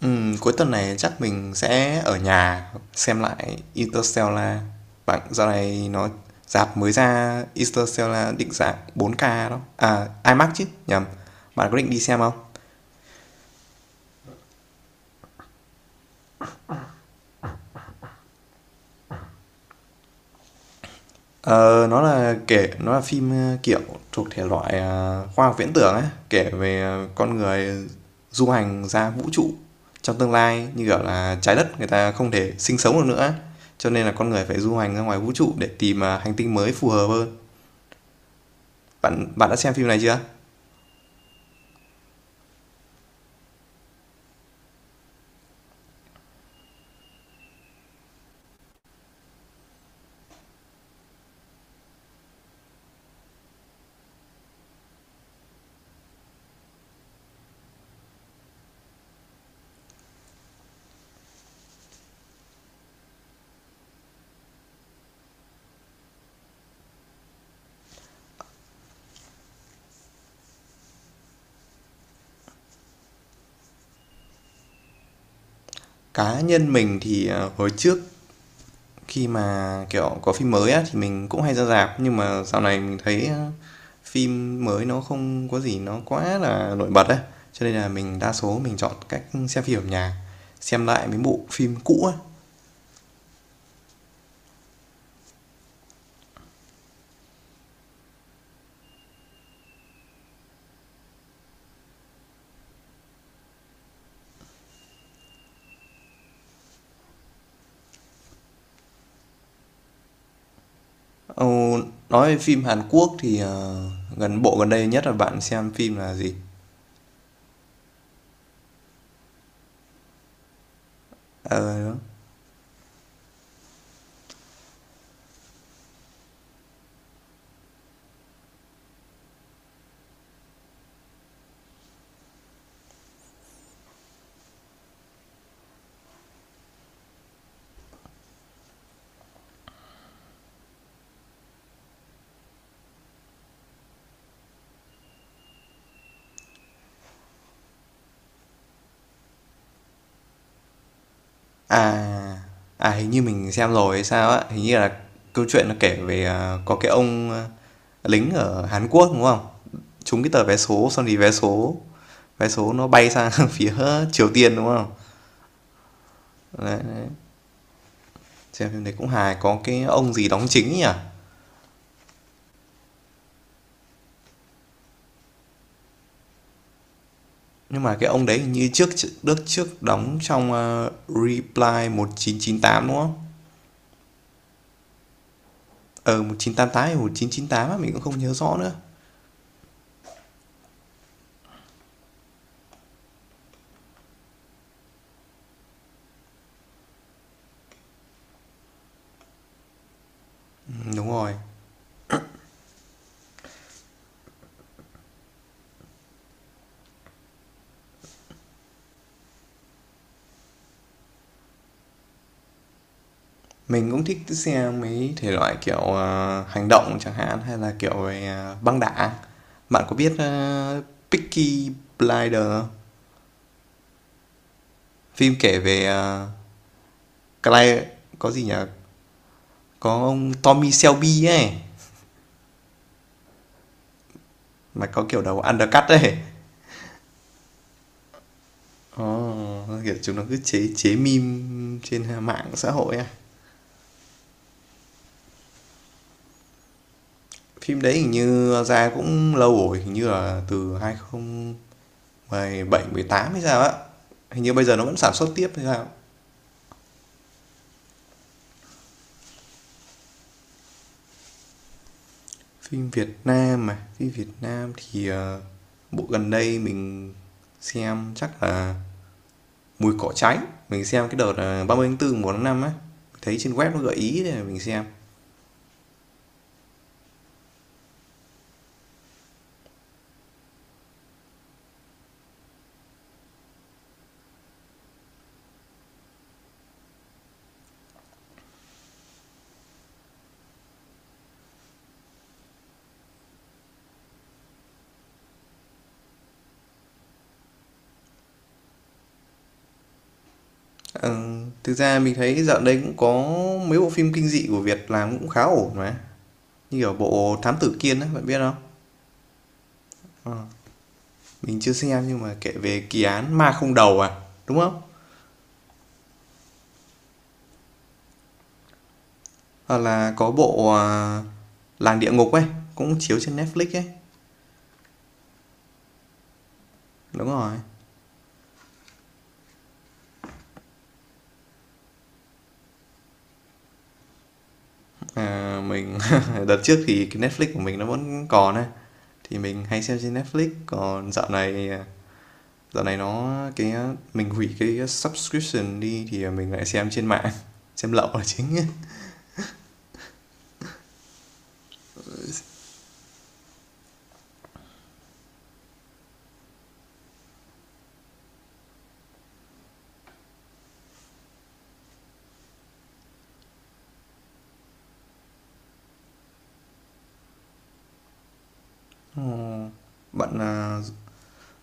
Cuối tuần này chắc mình sẽ ở nhà xem lại Interstellar. Bạn dạo này nó rạp mới ra Interstellar định dạng 4K đó. À IMAX chứ, nhầm. Bạn có định đi xem không? Ờ, nó là phim kiểu thuộc thể loại khoa học viễn tưởng ấy, kể về con người du hành ra vũ trụ trong tương lai như kiểu là trái đất người ta không thể sinh sống được nữa ấy. Cho nên là con người phải du hành ra ngoài vũ trụ để tìm hành tinh mới phù hợp hơn. Bạn bạn đã xem phim này chưa? Cá nhân mình thì, hồi trước khi mà, kiểu, có phim mới á thì mình cũng hay ra rạp, nhưng mà dạo này mình thấy, phim mới nó không có gì nó quá là nổi bật ấy, cho nên là mình đa số mình chọn cách xem phim ở nhà, xem lại mấy bộ phim cũ á. Ờ, nói về phim Hàn Quốc thì, bộ gần đây nhất là bạn xem phim là gì? Ờ. À, hình như mình xem rồi hay sao á, hình như là câu chuyện nó kể về, à, có cái ông, a, lính ở Hàn Quốc, đúng không? Trúng cái tờ vé số xong thì vé số nó bay sang phía Triều Tiên, đúng không? Đấy, đấy, xem phim đấy cũng hài, có cái ông gì đóng chính nhỉ? Nhưng mà cái ông đấy hình như trước đóng trong, a, Reply 1998 đúng không? Ờ, 1988 hay 1998 á, mình cũng không nhớ rõ nữa. Đúng rồi. Mình cũng thích xe mấy thể loại kiểu, hành động chẳng hạn hay là kiểu về, à, băng đảng. Bạn có biết, ơ, Peaky Blinders không? Phim kể về, Cly có gì nhỉ? Có ông Tommy Shelby ấy, mà có kiểu đầu undercut ấy. Ồ, kiểu chúng nó cứ chế chế meme trên mạng xã hội á. Phim đấy hình như ra cũng lâu rồi, hình như là từ 2017 18 hay sao á. Hình như bây giờ nó vẫn sản xuất tiếp hay sao. Phim Việt Nam thì, bộ gần đây mình xem chắc là "Mùi cỏ cháy", mình xem cái đợt, 30/4 1 năm á, thấy trên web nó gợi ý để mình xem. Ờ, Thực ra mình thấy dạo đây cũng có mấy bộ phim kinh dị của Việt làm cũng khá ổn mà, như ở bộ "Thám Tử Kiên" á, bạn biết không? Ờ, mình chưa xem nhưng mà kể về kỳ án ma không đầu à, đúng không? Hoặc là có bộ, à, "Làng địa ngục" ấy, cũng chiếu trên Netflix ấy. Đúng rồi. Ờ, mình đợt trước thì cái Netflix của mình nó vẫn còn ấy, thì mình hay xem trên Netflix, còn dạo này, à, dạo này nó cái mình hủy cái subscription đi thì mình lại xem trên mạng, xem lậu là chính ấy. Ờ, bạn, à,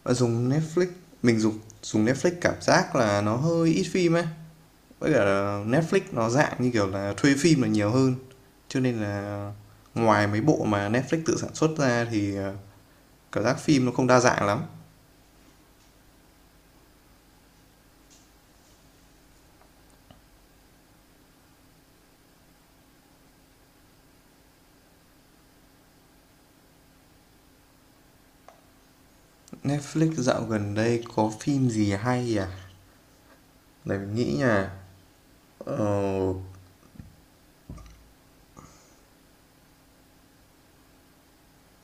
bạn dùng Netflix mình dùng dùng Netflix cảm giác là nó hơi ít phim ấy, với cả là Netflix nó dạng như kiểu là thuê phim là nhiều hơn, cho nên là ngoài mấy bộ mà Netflix tự sản xuất ra thì, à, cảm giác phim nó không đa dạng lắm. Netflix dạo gần đây có phim gì hay à? Để mình nghĩ nha. Ờ,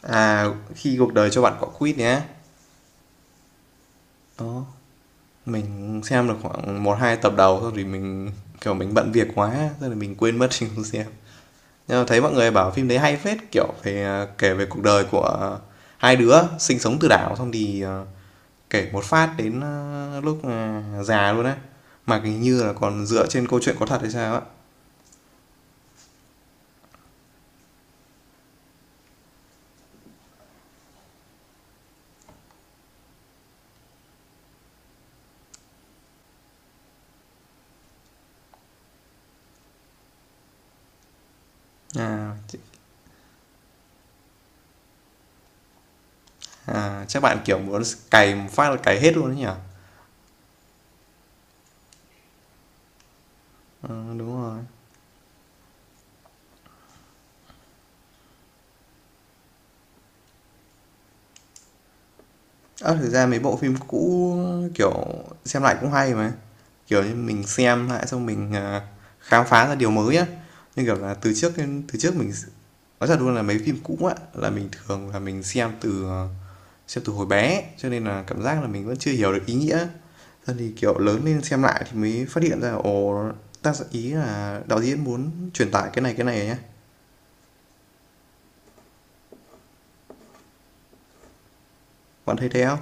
à, Khi cuộc đời cho bạn quả quýt nhé. Đó, mình xem được khoảng một hai tập đầu thôi thì mình kiểu mình bận việc quá, thế là mình quên mất mình không xem. Nhưng mà thấy mọi người bảo phim đấy hay phết, kiểu về à, kể về cuộc đời của hai đứa sinh sống từ đảo xong thì à, kể một phát đến à, lúc à, già luôn á. Mà hình như là còn dựa trên câu chuyện có thật hay sao á. À, À, chắc bạn kiểu muốn cày một phát là cày hết luôn đấy nhỉ? Ờ, đúng rồi. Ơ, thực ra mấy bộ phim cũ, kiểu, xem lại cũng hay mà. Kiểu như mình xem lại xong mình, à, khám phá ra điều mới á. Như kiểu là từ trước mình nói thật luôn là mấy phim cũ á, là mình thường là mình xem từ hồi bé, cho nên là cảm giác là mình vẫn chưa hiểu được ý nghĩa. Sau thì, kiểu, lớn lên xem lại thì mới phát hiện ra, ồ, tác giả ý là đạo diễn muốn truyền tải cái này á. Bạn thấy thế không?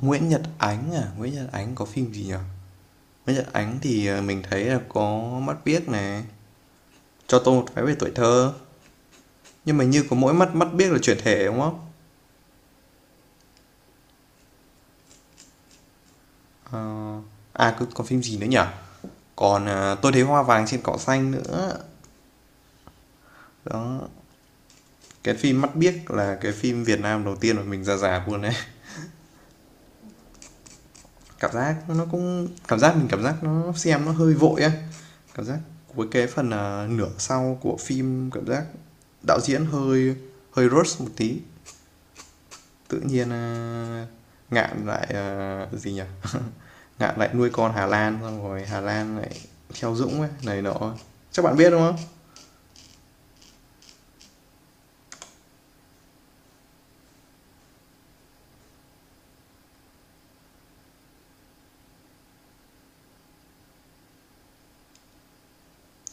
Nguyễn Nhật Ánh à? Nguyễn Nhật Ánh có phim gì nhỉ? Nguyễn Nhật Ánh thì mình thấy là có Mắt Biếc này, Cho tôi một vé về tuổi thơ. Nhưng mà như có mỗi Mắt Mắt Biếc là chuyển thể đúng không? À cứ còn phim gì nữa nhỉ? Còn à, Tôi thấy hoa vàng trên cỏ xanh nữa. Đó. Cái phim Mắt Biếc là cái phim Việt Nam đầu tiên mà mình ra già luôn đấy. Cảm giác nó xem nó hơi vội á. Cảm giác với cái phần à, nửa sau của phim cảm giác đạo diễn hơi hơi rush một tí. Tự nhiên, a, Ngạn lại, ờ, gì nhỉ, Ngạn lại nuôi con Hà Lan, xong rồi Hà Lan lại theo Dũng ấy, này nọ. Chắc bạn biết, đúng không?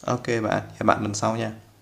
OK bạn, hẹn bạn lần sau nha.